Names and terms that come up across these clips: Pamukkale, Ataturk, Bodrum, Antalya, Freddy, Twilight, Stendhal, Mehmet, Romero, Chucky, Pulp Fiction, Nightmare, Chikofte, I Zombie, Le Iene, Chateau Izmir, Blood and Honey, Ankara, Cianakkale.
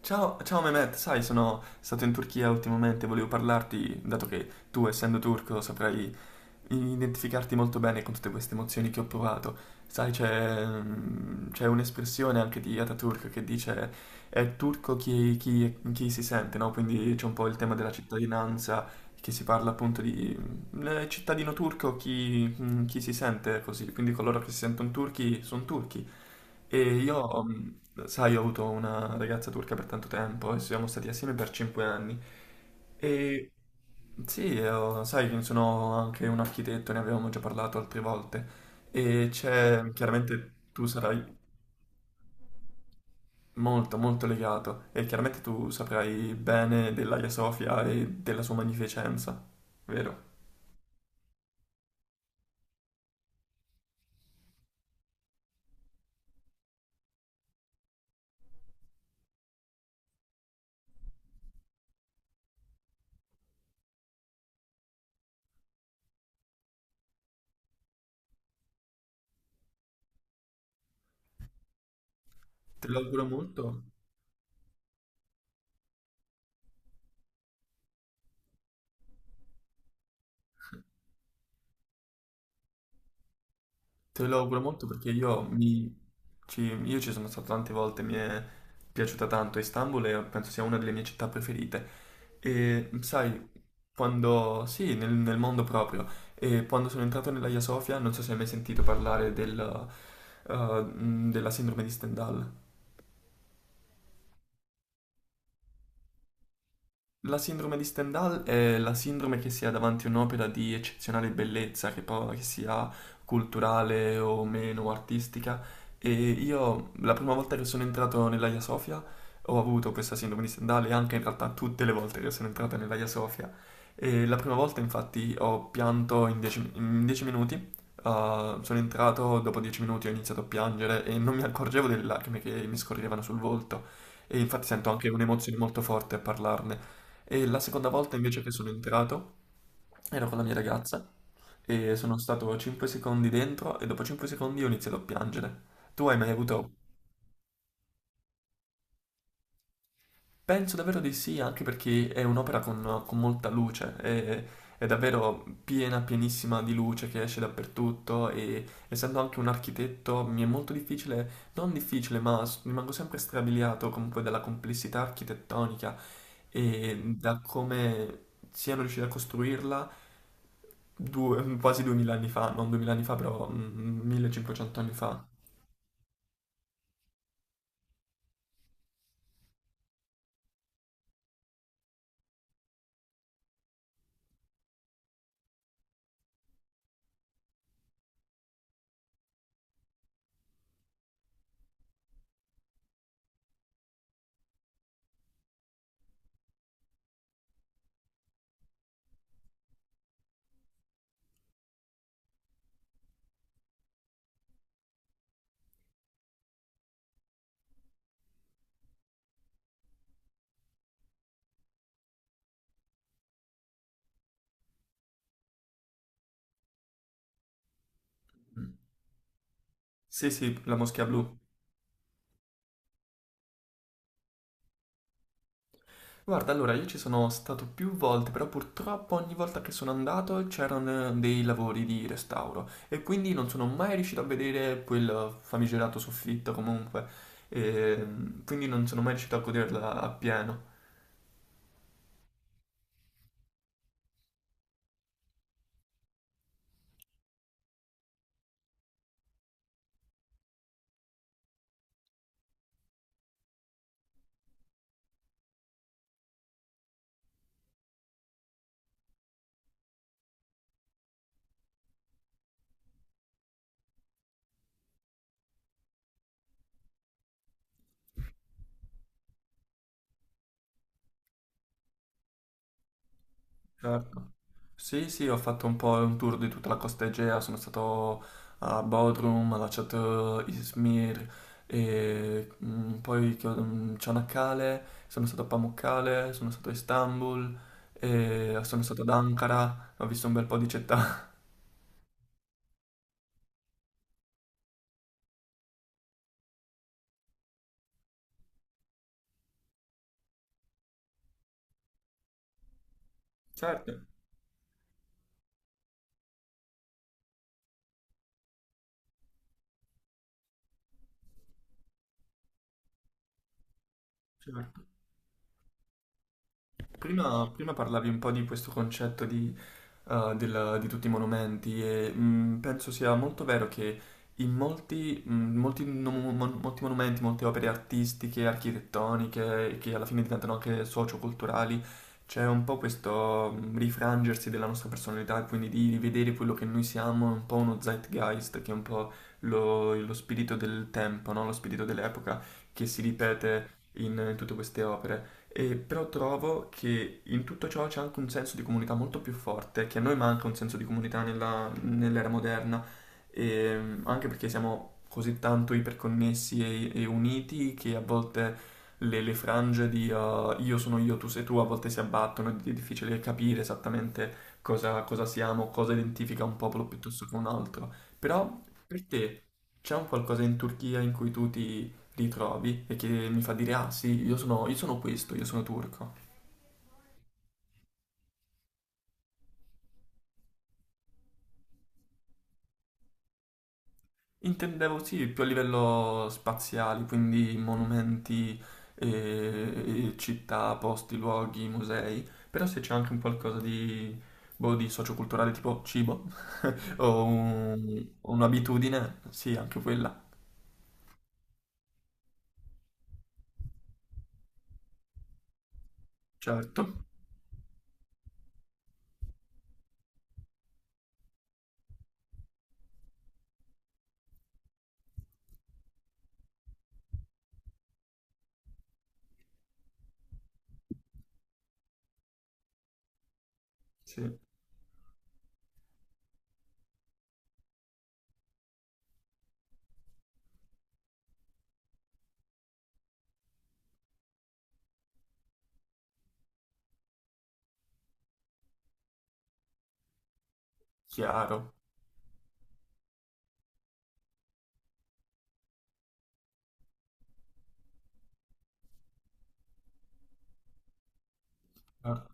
Ciao, ciao Mehmet, sai, sono stato in Turchia ultimamente, volevo parlarti, dato che tu, essendo turco, saprai identificarti molto bene con tutte queste emozioni che ho provato. Sai, c'è un'espressione anche di Ataturk che dice è turco chi si sente, no? Quindi c'è un po' il tema della cittadinanza, che si parla appunto di cittadino turco chi si sente così, quindi coloro che si sentono turchi sono turchi. E io, sai, ho avuto una ragazza turca per tanto tempo e siamo stati assieme per 5 anni. E sì, sai che sono anche un architetto, ne avevamo già parlato altre volte. E c'è, chiaramente tu sarai molto, molto legato e chiaramente tu saprai bene dell'Aia Sofia e della sua magnificenza, vero? Te lo auguro molto, te lo auguro molto perché io ci sono stato tante volte, mi è piaciuta tanto Istanbul e penso sia una delle mie città preferite. E sai, Sì, nel mondo proprio. E quando sono entrato nella Hagia Sofia, non so se hai mai sentito parlare della sindrome di Stendhal. La sindrome di Stendhal è la sindrome che si ha davanti a un'opera di eccezionale bellezza, che, poi, che sia culturale o meno artistica. E io la prima volta che sono entrato nell'Aia Sofia ho avuto questa sindrome di Stendhal e anche in realtà tutte le volte che sono entrato nell'Aia Sofia. E la prima volta infatti ho pianto in 10 minuti. Sono entrato, dopo 10 minuti ho iniziato a piangere e non mi accorgevo delle lacrime che mi scorrevano sul volto. E infatti sento anche un'emozione molto forte a parlarne. E la seconda volta invece che sono entrato ero con la mia ragazza e sono stato 5 secondi dentro e dopo 5 secondi ho iniziato a piangere. Tu hai mai avuto? Penso davvero di sì, anche perché è un'opera con molta luce. È davvero piena, pienissima di luce che esce dappertutto e essendo anche un architetto mi è molto difficile, non difficile, ma rimango sempre strabiliato comunque dalla complessità architettonica e da come siano riusciti a costruirla quasi 2000 anni fa, non 2000 anni fa, però 1500 anni fa. Sì, sì, la Moschea Blu. Guarda, allora io ci sono stato più volte, però purtroppo ogni volta che sono andato c'erano dei lavori di restauro e quindi non sono mai riuscito a vedere quel famigerato soffitto comunque, e quindi non sono mai riuscito a goderla appieno. Certo. Sì, sì, ho fatto un po' un tour di tutta la costa Egea, sono stato a Bodrum, alla Chateau Izmir, e poi Cianakkale, sono stato a Pamukkale, sono stato a Istanbul, e sono stato ad Ankara, ho visto un bel po' di città. Certo, certo. Prima, prima parlavi un po' di questo concetto di di tutti i monumenti e penso sia molto vero che in molti, molti monumenti, molte opere artistiche, architettoniche, che alla fine diventano anche socioculturali, c'è un po' questo rifrangersi della nostra personalità, e quindi di rivedere quello che noi siamo, un po' uno zeitgeist, che è un po' lo spirito del tempo, no? Lo spirito dell'epoca che si ripete in tutte queste opere. E però trovo che in tutto ciò c'è anche un senso di comunità molto più forte, che a noi manca un senso di comunità nell'era moderna, e, anche perché siamo così tanto iperconnessi e uniti che a volte le frange di io sono io, tu sei tu, a volte si abbattono, ed è difficile capire esattamente cosa, cosa siamo, cosa identifica un popolo piuttosto che un altro. Però per te c'è un qualcosa in Turchia in cui tu ti ritrovi e che mi fa dire ah sì, io sono questo, io sono turco. Intendevo sì, più a livello spaziale, quindi monumenti, città, posti, luoghi, musei, però se c'è anche un qualcosa di, boh, di socioculturale tipo cibo o un'abitudine, sì, anche quella. Certo, sì, chiaro. Ah,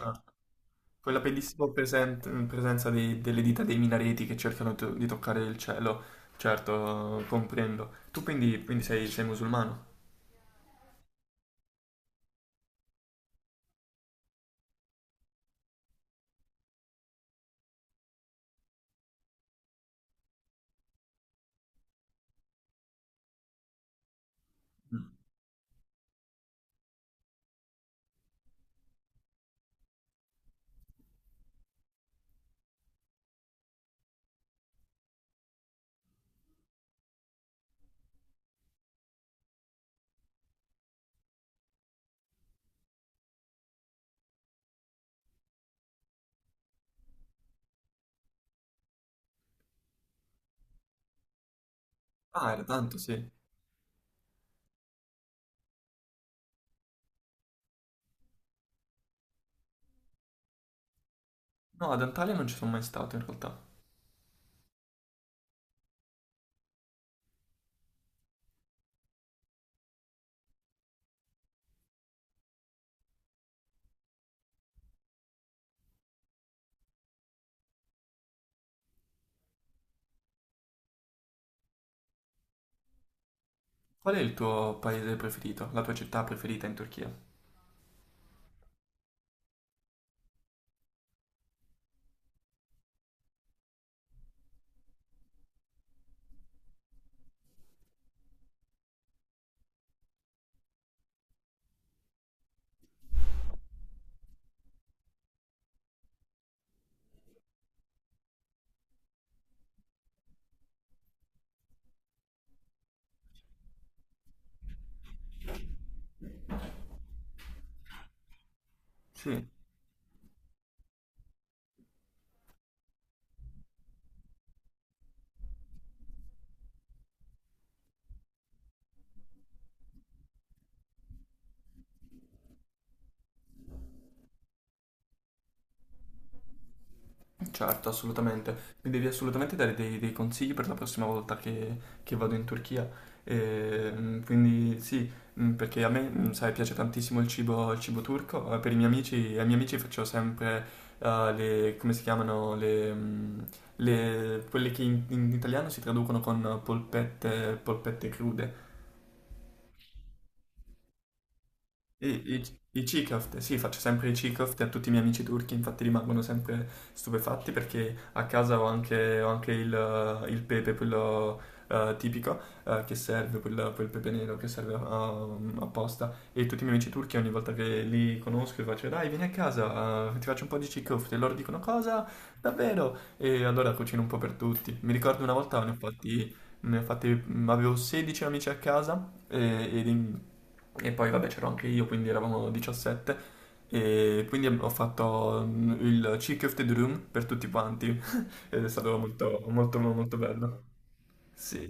ah. Quella bellissima presenza delle dita dei minareti che cercano di toccare il cielo. Certo, comprendo. Tu quindi, quindi sei, sei musulmano? Ah, era tanto, sì. No, ad Antalya non ci sono mai stato in realtà. Qual è il tuo paese preferito? La tua città preferita in Turchia? Sì. Certo, assolutamente. Mi devi assolutamente dare dei, dei consigli per la prossima volta che vado in Turchia. Quindi sì, perché a me, sai, piace tantissimo il cibo turco. Per i miei amici, ai miei amici faccio sempre le, come si chiamano, quelle che in italiano si traducono con polpette, polpette crude. I, i, i Chikofte, sì, faccio sempre i Chikofte a tutti i miei amici turchi, infatti rimangono sempre stupefatti perché a casa ho anche il pepe, quello tipico, che serve, quel, quel pepe nero che serve apposta. E tutti i miei amici turchi ogni volta che li conosco gli faccio dai vieni a casa, ti faccio un po' di Chikofte. E loro dicono cosa? Davvero? E allora cucino un po' per tutti. Mi ricordo una volta ne ho fatti, avevo 16 amici a casa e poi vabbè c'ero anche io, quindi eravamo 17 e quindi ho fatto il Cheek of the Room per tutti quanti ed è stato molto molto molto bello. Sì,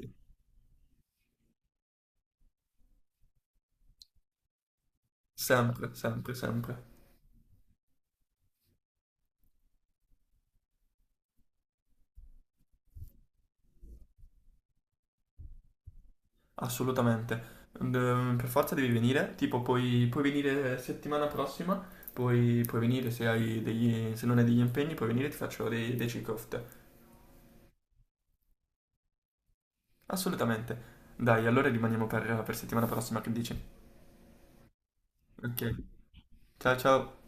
sempre, sempre, sempre, assolutamente. Mm, per forza devi venire, tipo puoi, puoi venire settimana prossima, puoi, puoi venire se hai degli, se non hai degli impegni, puoi venire e ti faccio dei, dei cheek off. Assolutamente. Dai, allora rimaniamo per settimana prossima, che dici? Ok, ciao ciao.